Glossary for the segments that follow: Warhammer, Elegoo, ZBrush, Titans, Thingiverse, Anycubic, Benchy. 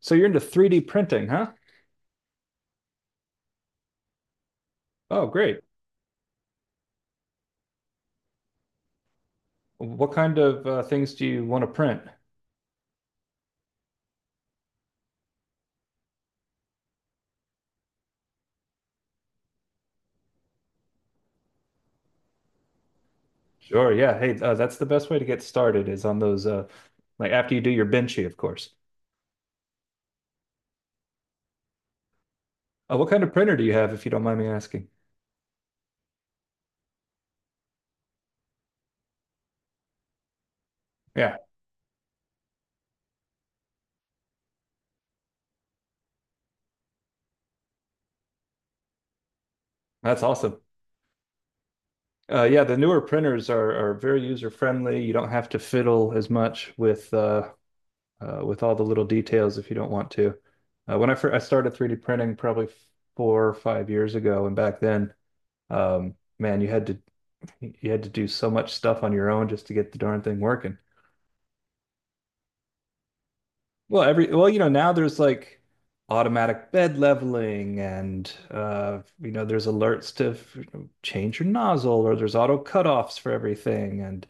So you're into 3D printing, huh? Oh, great. What kind of things do you want to print? Sure, yeah. Hey, that's the best way to get started is on those, like after you do your Benchy, of course. What kind of printer do you have, if you don't mind me asking? Yeah, that's awesome. Yeah, the newer printers are very user friendly. You don't have to fiddle as much with all the little details if you don't want to. When I first I started 3D printing probably 4 or 5 years ago, and back then, um, man, you had to do so much stuff on your own just to get the darn thing working. Well, you know, now there's like automatic bed leveling, and you know, there's alerts to, you know, change your nozzle, or there's auto cutoffs for everything, and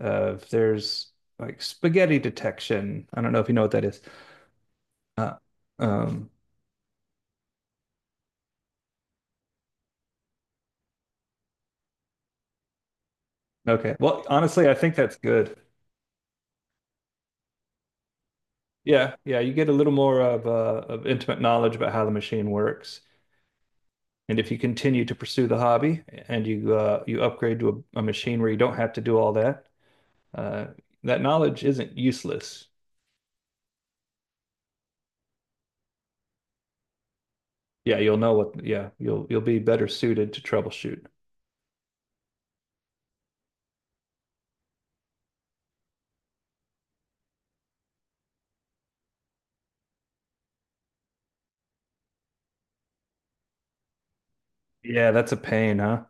there's like spaghetti detection. I don't know if you know what that is. Uh, um okay. Well, honestly, I think that's good. Yeah, yeah, you get a little more of intimate knowledge about how the machine works. And if you continue to pursue the hobby and you you upgrade to a machine where you don't have to do all that, uh, that knowledge isn't useless. Yeah, you'll know what. Yeah, you'll be better suited to troubleshoot. Yeah, that's a pain, huh?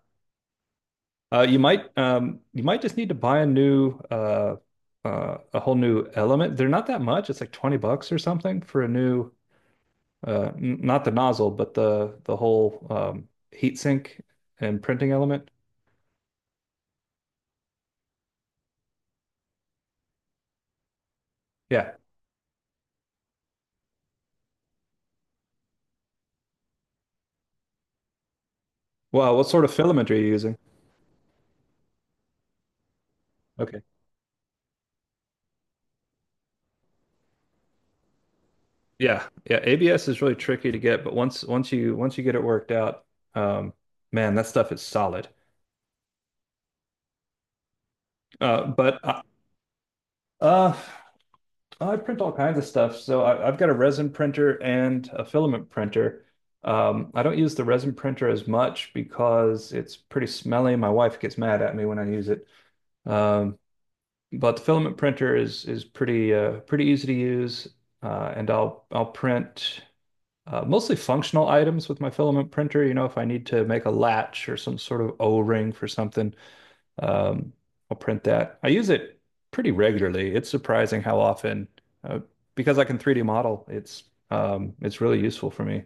You might you might just need to buy a new a whole new element. They're not that much. It's like 20 bucks or something for a new n not the nozzle, but the whole heat sink and printing element. Yeah. Wow, what sort of filament are you using? Okay. Yeah, yeah, ABS is really tricky to get, but once you get it worked out, um, man, that stuff is solid. Uh, but I, uh, I print all kinds of stuff, so I've got a resin printer and a filament printer. I don't use the resin printer as much because it's pretty smelly. My wife gets mad at me when I use it. Um, but the filament printer is pretty pretty easy to use, and I'll print mostly functional items with my filament printer. You know, if I need to make a latch or some sort of O-ring for something, um, I'll print that. I use it pretty regularly. It's surprising how often, uh, because I can 3D model, it's really useful for me.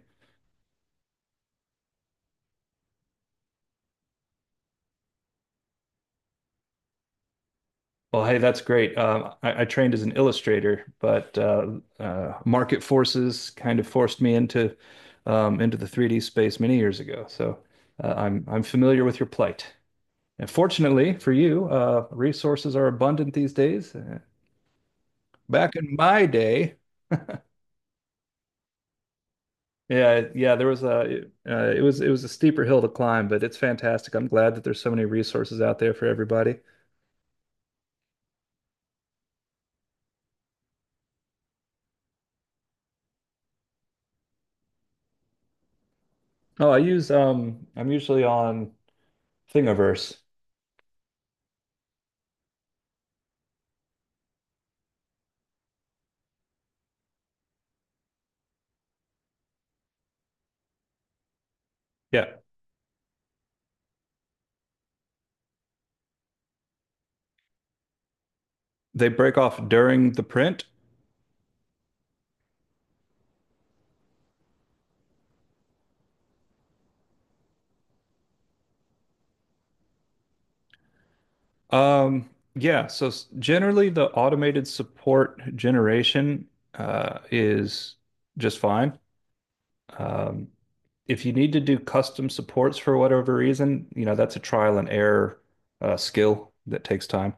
Well, hey, that's great. I trained as an illustrator, but market forces kind of forced me into the 3D space many years ago. So I'm familiar with your plight. And fortunately for you, resources are abundant these days. Back in my day, yeah, yeah, there was a it was a steeper hill to climb, but it's fantastic. I'm glad that there's so many resources out there for everybody. Oh, I use I'm usually on Thingiverse. Yeah, they break off during the print. Um, yeah, so generally the automated support generation is just fine. Um, if you need to do custom supports for whatever reason, you know, that's a trial and error skill that takes time.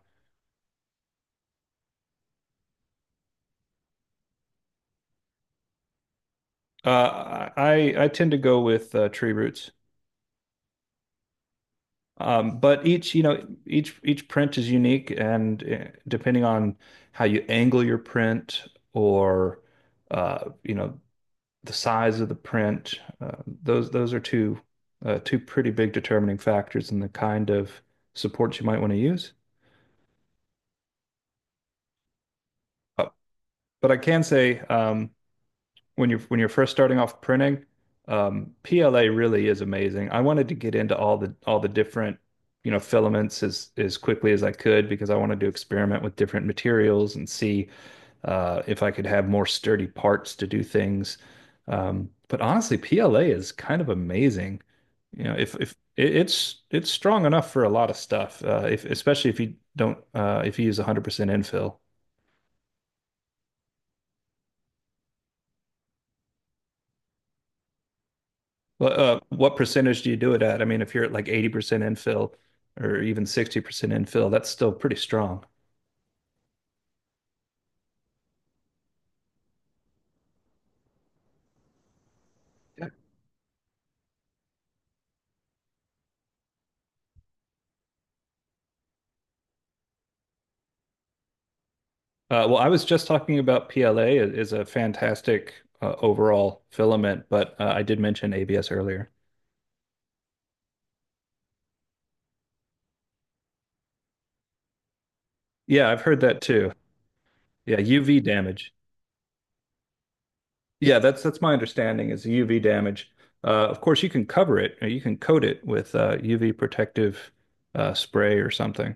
I tend to go with tree roots. But each, you know, each print is unique, and depending on how you angle your print or you know, the size of the print, those are two two pretty big determining factors in the kind of supports you might want to use. Uh, but I can say when you're first starting off printing, PLA really is amazing. I wanted to get into all the different, you know, filaments as quickly as I could because I wanted to experiment with different materials and see if I could have more sturdy parts to do things. But honestly, PLA is kind of amazing. You know, if it, it's strong enough for a lot of stuff, if especially if you don't if you use 100% infill. What percentage do you do it at? I mean, if you're at like 80% infill or even 60% infill, that's still pretty strong. Yeah. Well, I was just talking about PLA is a fantastic overall filament, but I did mention ABS earlier. Yeah, I've heard that too. Yeah, UV damage. Yeah, that's my understanding is UV damage. Of course, you can cover it. You can coat it with UV protective spray or something.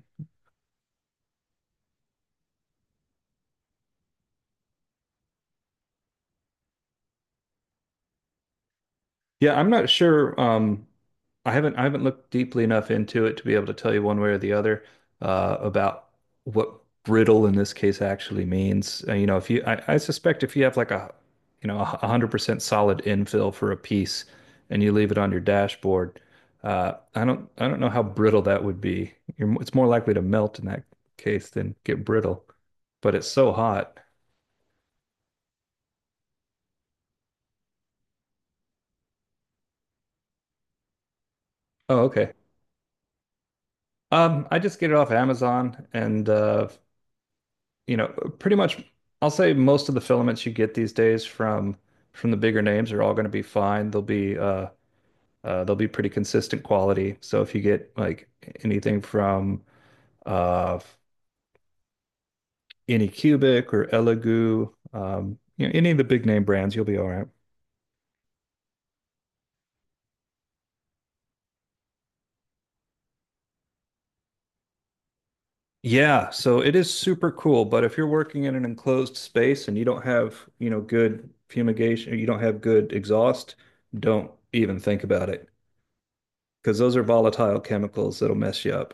Yeah, I'm not sure. I haven't looked deeply enough into it to be able to tell you one way or the other about what brittle in this case actually means. You know, if you I suspect if you have like a you know 100% solid infill for a piece and you leave it on your dashboard, I don't know how brittle that would be. You're, it's more likely to melt in that case than get brittle, but it's so hot. Oh, okay. I just get it off Amazon, and you know, pretty much I'll say most of the filaments you get these days from the bigger names are all going to be fine. They'll be pretty consistent quality. So if you get like anything from uh Anycubic or Elegoo, you know, any of the big name brands, you'll be all right. Yeah, so it is super cool, but if you're working in an enclosed space and you don't have, you know, good fumigation, or you don't have good exhaust, don't even think about it because those are volatile chemicals that'll mess you up.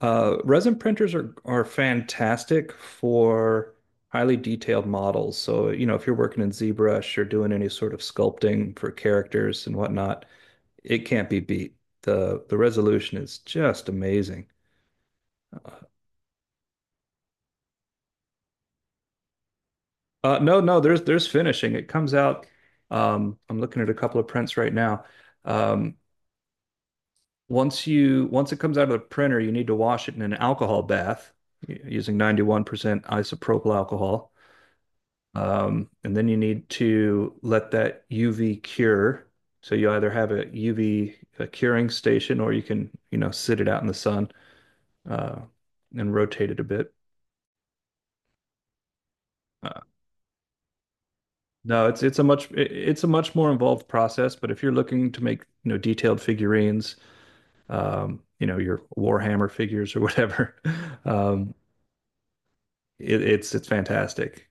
Resin printers are fantastic for highly detailed models. So, you know, if you're working in ZBrush or doing any sort of sculpting for characters and whatnot, it can't be beat. The resolution is just amazing. Uh, no, no, there's finishing. It comes out. I'm looking at a couple of prints right now. Um, once it comes out of the printer, you need to wash it in an alcohol bath using 91% isopropyl alcohol. And then you need to let that UV cure. So you either have a UV a curing station, or you can, you know, sit it out in the sun uh, and rotate it a bit. Uh, no, it's a much more involved process, but if you're looking to make, you know, detailed figurines, you know, your Warhammer figures or whatever, um, it's fantastic.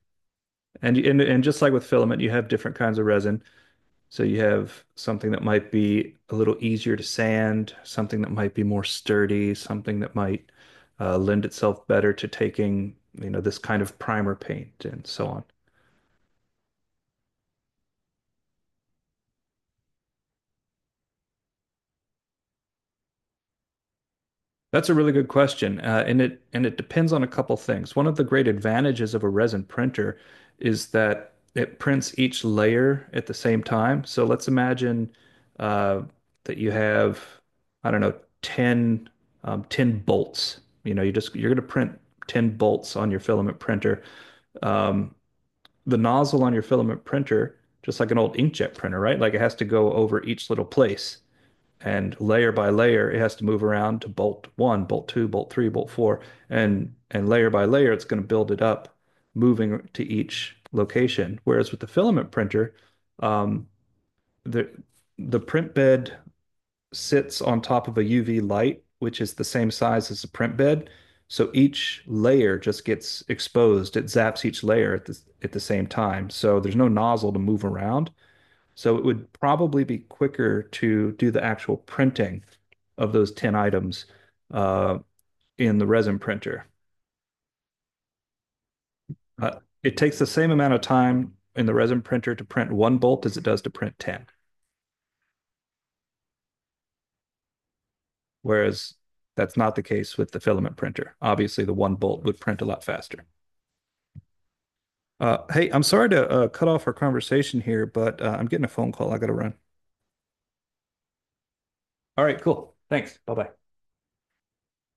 And just like with filament, you have different kinds of resin. So you have something that might be a little easier to sand, something that might be more sturdy, something that might lend itself better to taking, you know, this kind of primer paint and so on. That's a really good question, and it depends on a couple things. One of the great advantages of a resin printer is that it prints each layer at the same time. So let's imagine uh, that you have, I don't know, 10, 10 bolts. You know, you're going to print 10 bolts on your filament printer. Um, the nozzle on your filament printer, just like an old inkjet printer, right? Like it has to go over each little place, and layer by layer it has to move around to bolt one, bolt two, bolt three, bolt four, and layer by layer it's going to build it up, moving to each location. Whereas with the filament printer, um, the the print bed sits on top of a UV light, which is the same size as the print bed. So each layer just gets exposed. It zaps each layer at at the same time. So there's no nozzle to move around. So it would probably be quicker to do the actual printing of those 10 items uh, in the resin printer. Uh, it takes the same amount of time in the resin printer to print one bolt as it does to print 10, whereas that's not the case with the filament printer. Obviously, the one bolt would print a lot faster. Hey, I'm sorry to cut off our conversation here, but I'm getting a phone call. I got to run. All right, cool. Thanks. Bye bye.